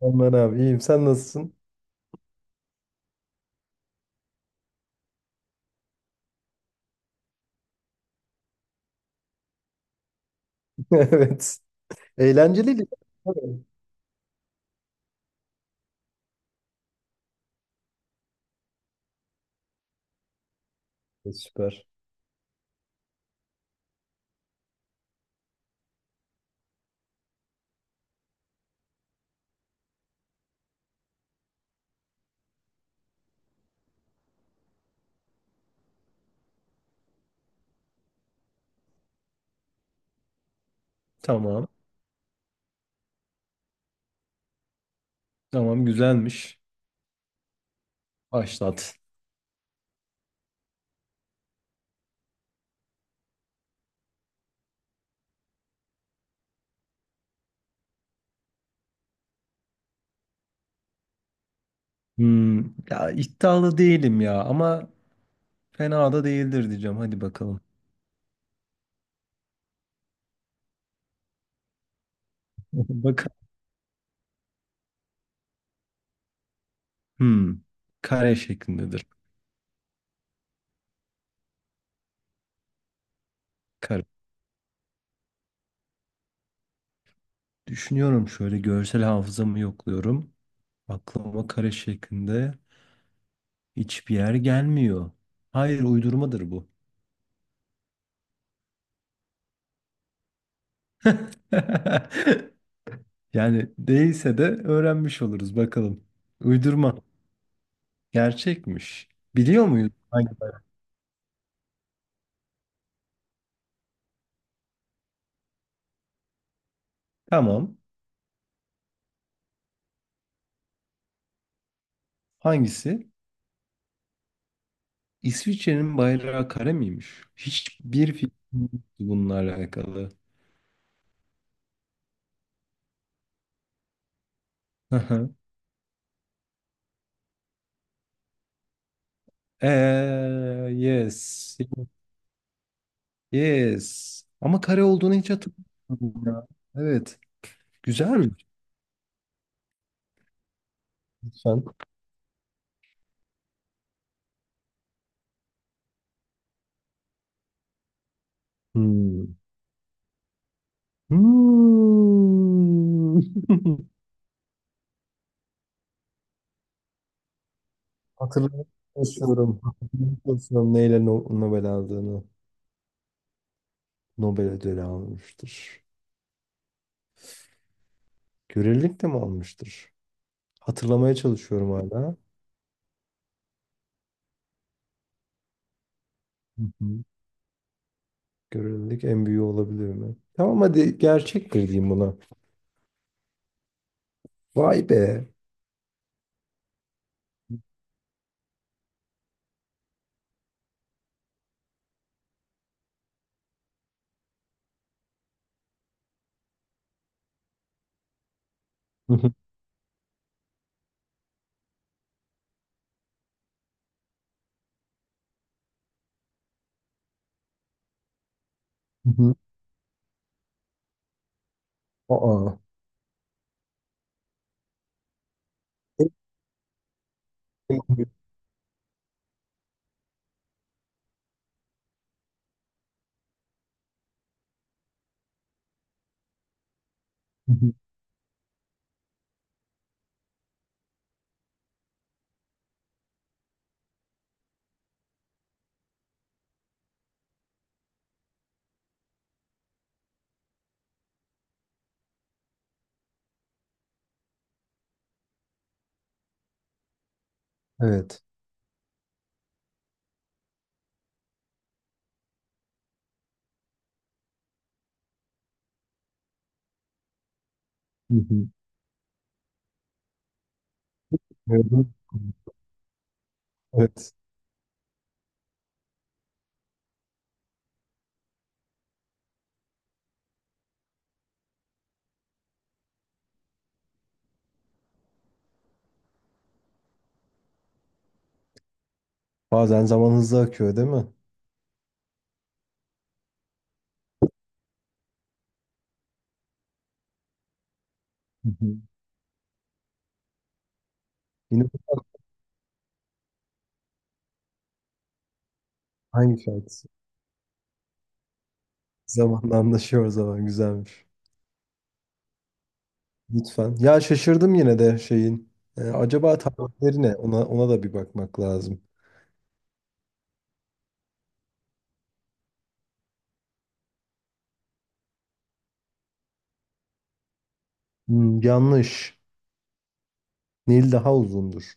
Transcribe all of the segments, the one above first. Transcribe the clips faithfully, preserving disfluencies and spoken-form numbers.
Aman abi, iyiyim. Sen nasılsın? Evet. Eğlenceliydi. Evet. Süper. Tamam. Tamam, güzelmiş. Başlat. Hmm, ya, iddialı değilim ya, ama fena da değildir diyeceğim. Hadi bakalım. Bak. Hmm, kare şeklindedir. Kare. Düşünüyorum, şöyle görsel hafızamı yokluyorum. Aklıma kare şeklinde hiçbir yer gelmiyor. Hayır, uydurmadır bu. Yani değilse de öğrenmiş oluruz bakalım. Uydurma. Gerçekmiş. Biliyor muyuz? Hangi bay- Tamam. Hangisi? İsviçre'nin bayrağı kare miymiş? Hiçbir fikrim yoktu bununla alakalı. Hı hı. Eee, yes. Yes. Ama kare olduğunu hiç hatırlamıyorum ya. Evet. Güzelmiş. Lütfen. Hmm. Hmm. Hatırlamak istiyorum. Hatırlamak istiyorum neyle No- Nobel aldığını. Nobel ödülü almıştır. Görelilik de mi almıştır? Hatırlamaya çalışıyorum hala. Hı hı. Görelilik en büyüğü olabilir mi? Tamam, hadi gerçektir diyeyim buna. Vay be. Hı hı. Hı hı. Aa. En büyük- Hı hı. Evet. Hı hı. Gördün mü? Evet. Bazen zaman hızlı akıyor, değil mi? Hı hı. Yine bu- hangi şarkısı? Zamanla anlaşıyor zaman, güzelmiş. Lütfen. Ya, şaşırdım yine de şeyin. Ee, acaba tarihleri ne? Ona, ona da bir bakmak lazım. Hmm, yanlış. Nil daha uzundur.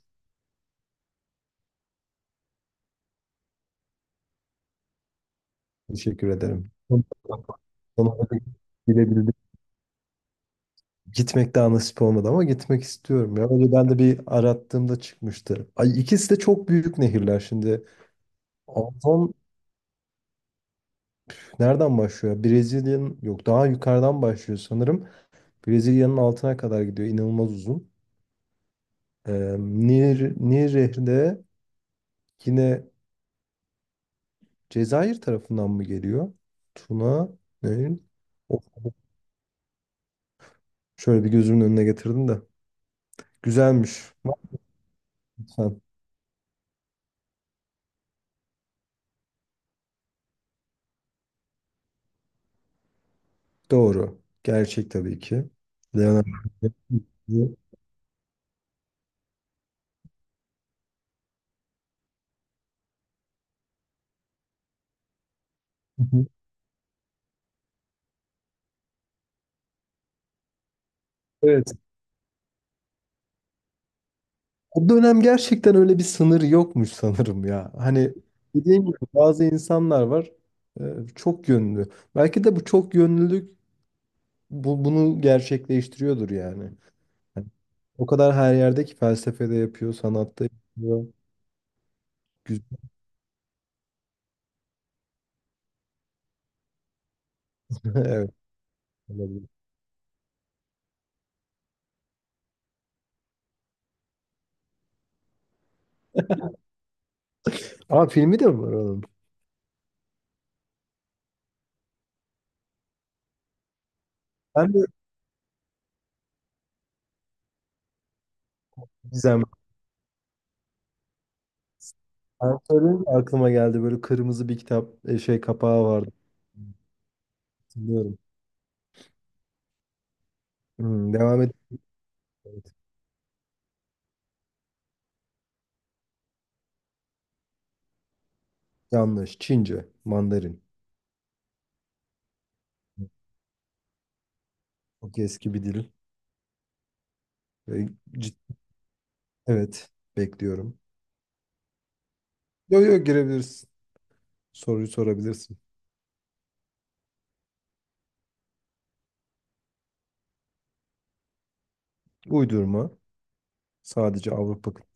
Teşekkür ederim. Sonunda da gidebildim. Gitmek daha nasip olmadı ama gitmek istiyorum ya. Önceden de bir arattığımda çıkmıştı. Ay, ikisi de çok büyük nehirler şimdi. Amazon nereden başlıyor? Brezilya'nın, yok, daha yukarıdan başlıyor sanırım. Brezilya'nın altına kadar gidiyor. İnanılmaz uzun. Ee, Nil, Nil Nehri de yine Cezayir tarafından mı geliyor? Tuna, Nehir. Of, şöyle bir gözümün önüne getirdim de. Güzelmiş. Doğru. Gerçek tabii ki. Leonardo. Hı hı. Evet. O dönem gerçekten öyle bir sınır yokmuş sanırım ya. Hani dediğim gibi bazı insanlar var, e, çok yönlü. Belki de bu çok yönlülük bu, bunu gerçekleştiriyordur yani. Hani o kadar her yerde ki, felsefede yapıyor, sanatta yapıyor. Güzel. Evet. Olabilir. Aa, filmi de mi var onun? Ben de. Gizem. Ben söyleyince aklıma geldi, böyle kırmızı bir kitap e, şey kapağı vardı. Hatırlıyorum. Hmm, devam et. Evet. Yanlış. Çince, Mandarin. Çok eski bir dil. Ve cid- evet, bekliyorum. Yo yo, girebilirsin. Soruyu sorabilirsin. Uydurma. Sadece Avrupa. kıt-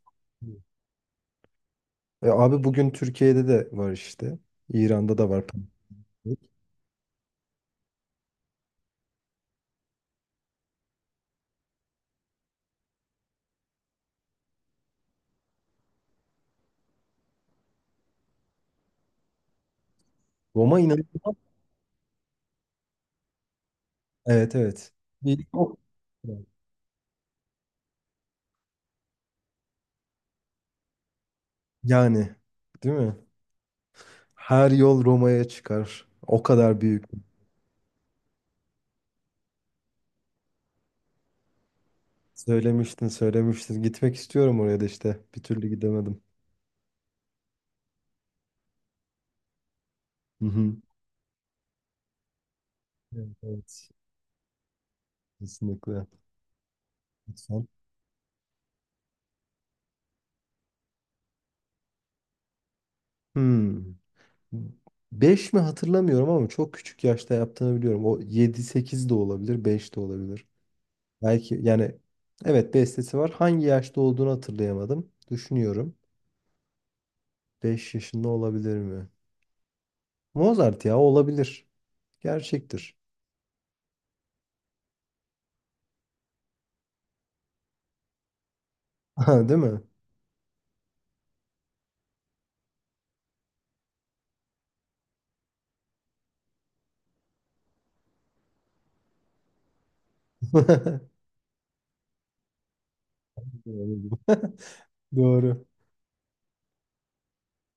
E, abi, bugün Türkiye'de de var işte. İran'da da var. Roma inanılmaz. Evet, evet. Bir- o- Yani değil mi? Her yol Roma'ya çıkar. O kadar büyük. Söylemiştin, söylemiştin. Gitmek istiyorum oraya da işte. Bir türlü gidemedim. Hı hı. Evet, evet. Kesinlikle. Lütfen. Hmm. Beş mi, hatırlamıyorum, ama çok küçük yaşta yaptığını biliyorum. O yedi sekiz de olabilir, beş de olabilir. Belki, yani evet, bestesi var. Hangi yaşta olduğunu hatırlayamadım. Düşünüyorum. Beş yaşında olabilir mi? Mozart ya, olabilir. Gerçektir. Ha, değil mi? Doğru. Doğru.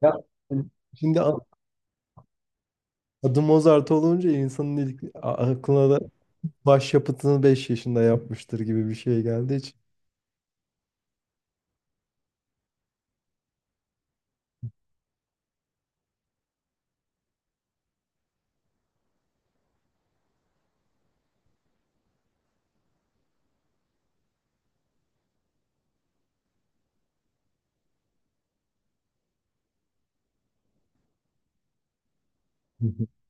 Ya, şimdi adı Mozart olunca insanın ilk a- aklına da başyapıtını beş yaşında yapmıştır gibi bir şey geldiği için.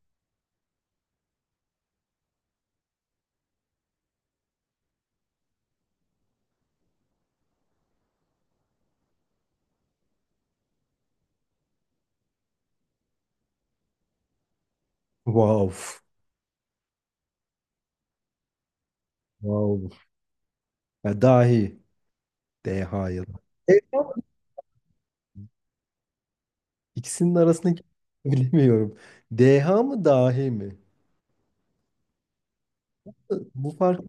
Wow. Wow. Ya, dahi. D H ya da. Evet, ama İkisinin arasındaki bilemiyorum. D H mı dahi mi? Bu farkı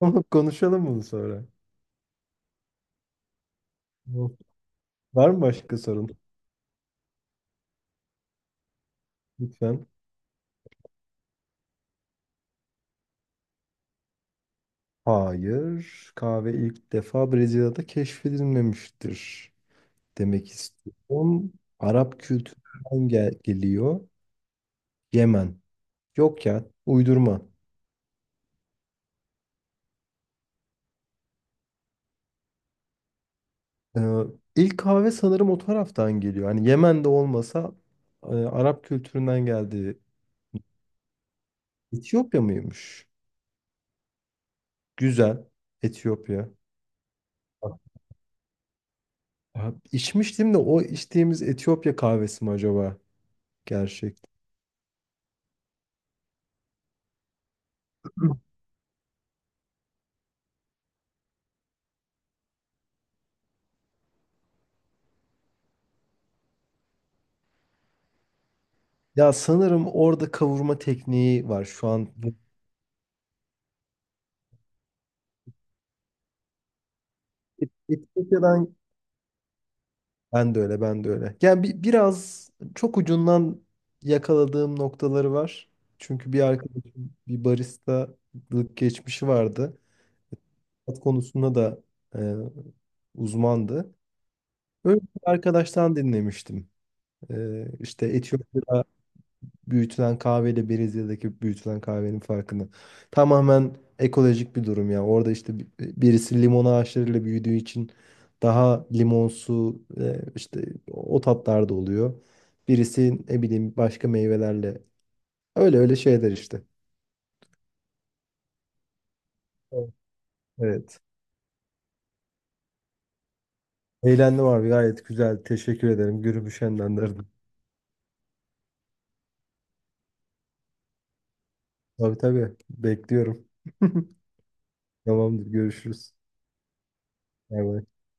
konuşalım bunu sonra. Yok. Var mı başka sorun? Lütfen. Hayır. Kahve ilk defa Brezilya'da keşfedilmemiştir. Demek istiyorum. Arap kültüründen gel- geliyor. Yemen. Yok ya, uydurma. Ee, ilk kahve sanırım o taraftan geliyor. Hani Yemen'de olmasa, e, Arap kültüründen geldiği. Etiyopya mıymış? Güzel. Etiyopya. Ya, içmiştim de, o içtiğimiz Etiyopya kahvesi mi acaba? Gerçek. Ya sanırım orada kavurma tekniği var şu an. Et- Etiyopya'dan. Ben de öyle, ben de öyle. Yani bi- biraz çok ucundan yakaladığım noktaları var. Çünkü bir arkadaşım, bir baristalık geçmişi vardı. Tat konusunda da e, uzmandı. Öyle bir arkadaştan dinlemiştim. E, işte Etiyopya'da büyütülen kahveyle Brezilya'daki büyütülen kahvenin farkını. Tamamen ekolojik bir durum ya. Orada işte bi- birisi limon ağaçlarıyla büyüdüğü için daha limonsu, e, işte o tatlarda oluyor. Birisi ne bileyim başka meyvelerle. Öyle öyle şeyler işte. Evet. Evet. Eğlendim abi, gayet güzel. Teşekkür ederim. Gürümü şenlendirdim. Tabii tabii. Bekliyorum. Tamamdır. Görüşürüz. Bay bay.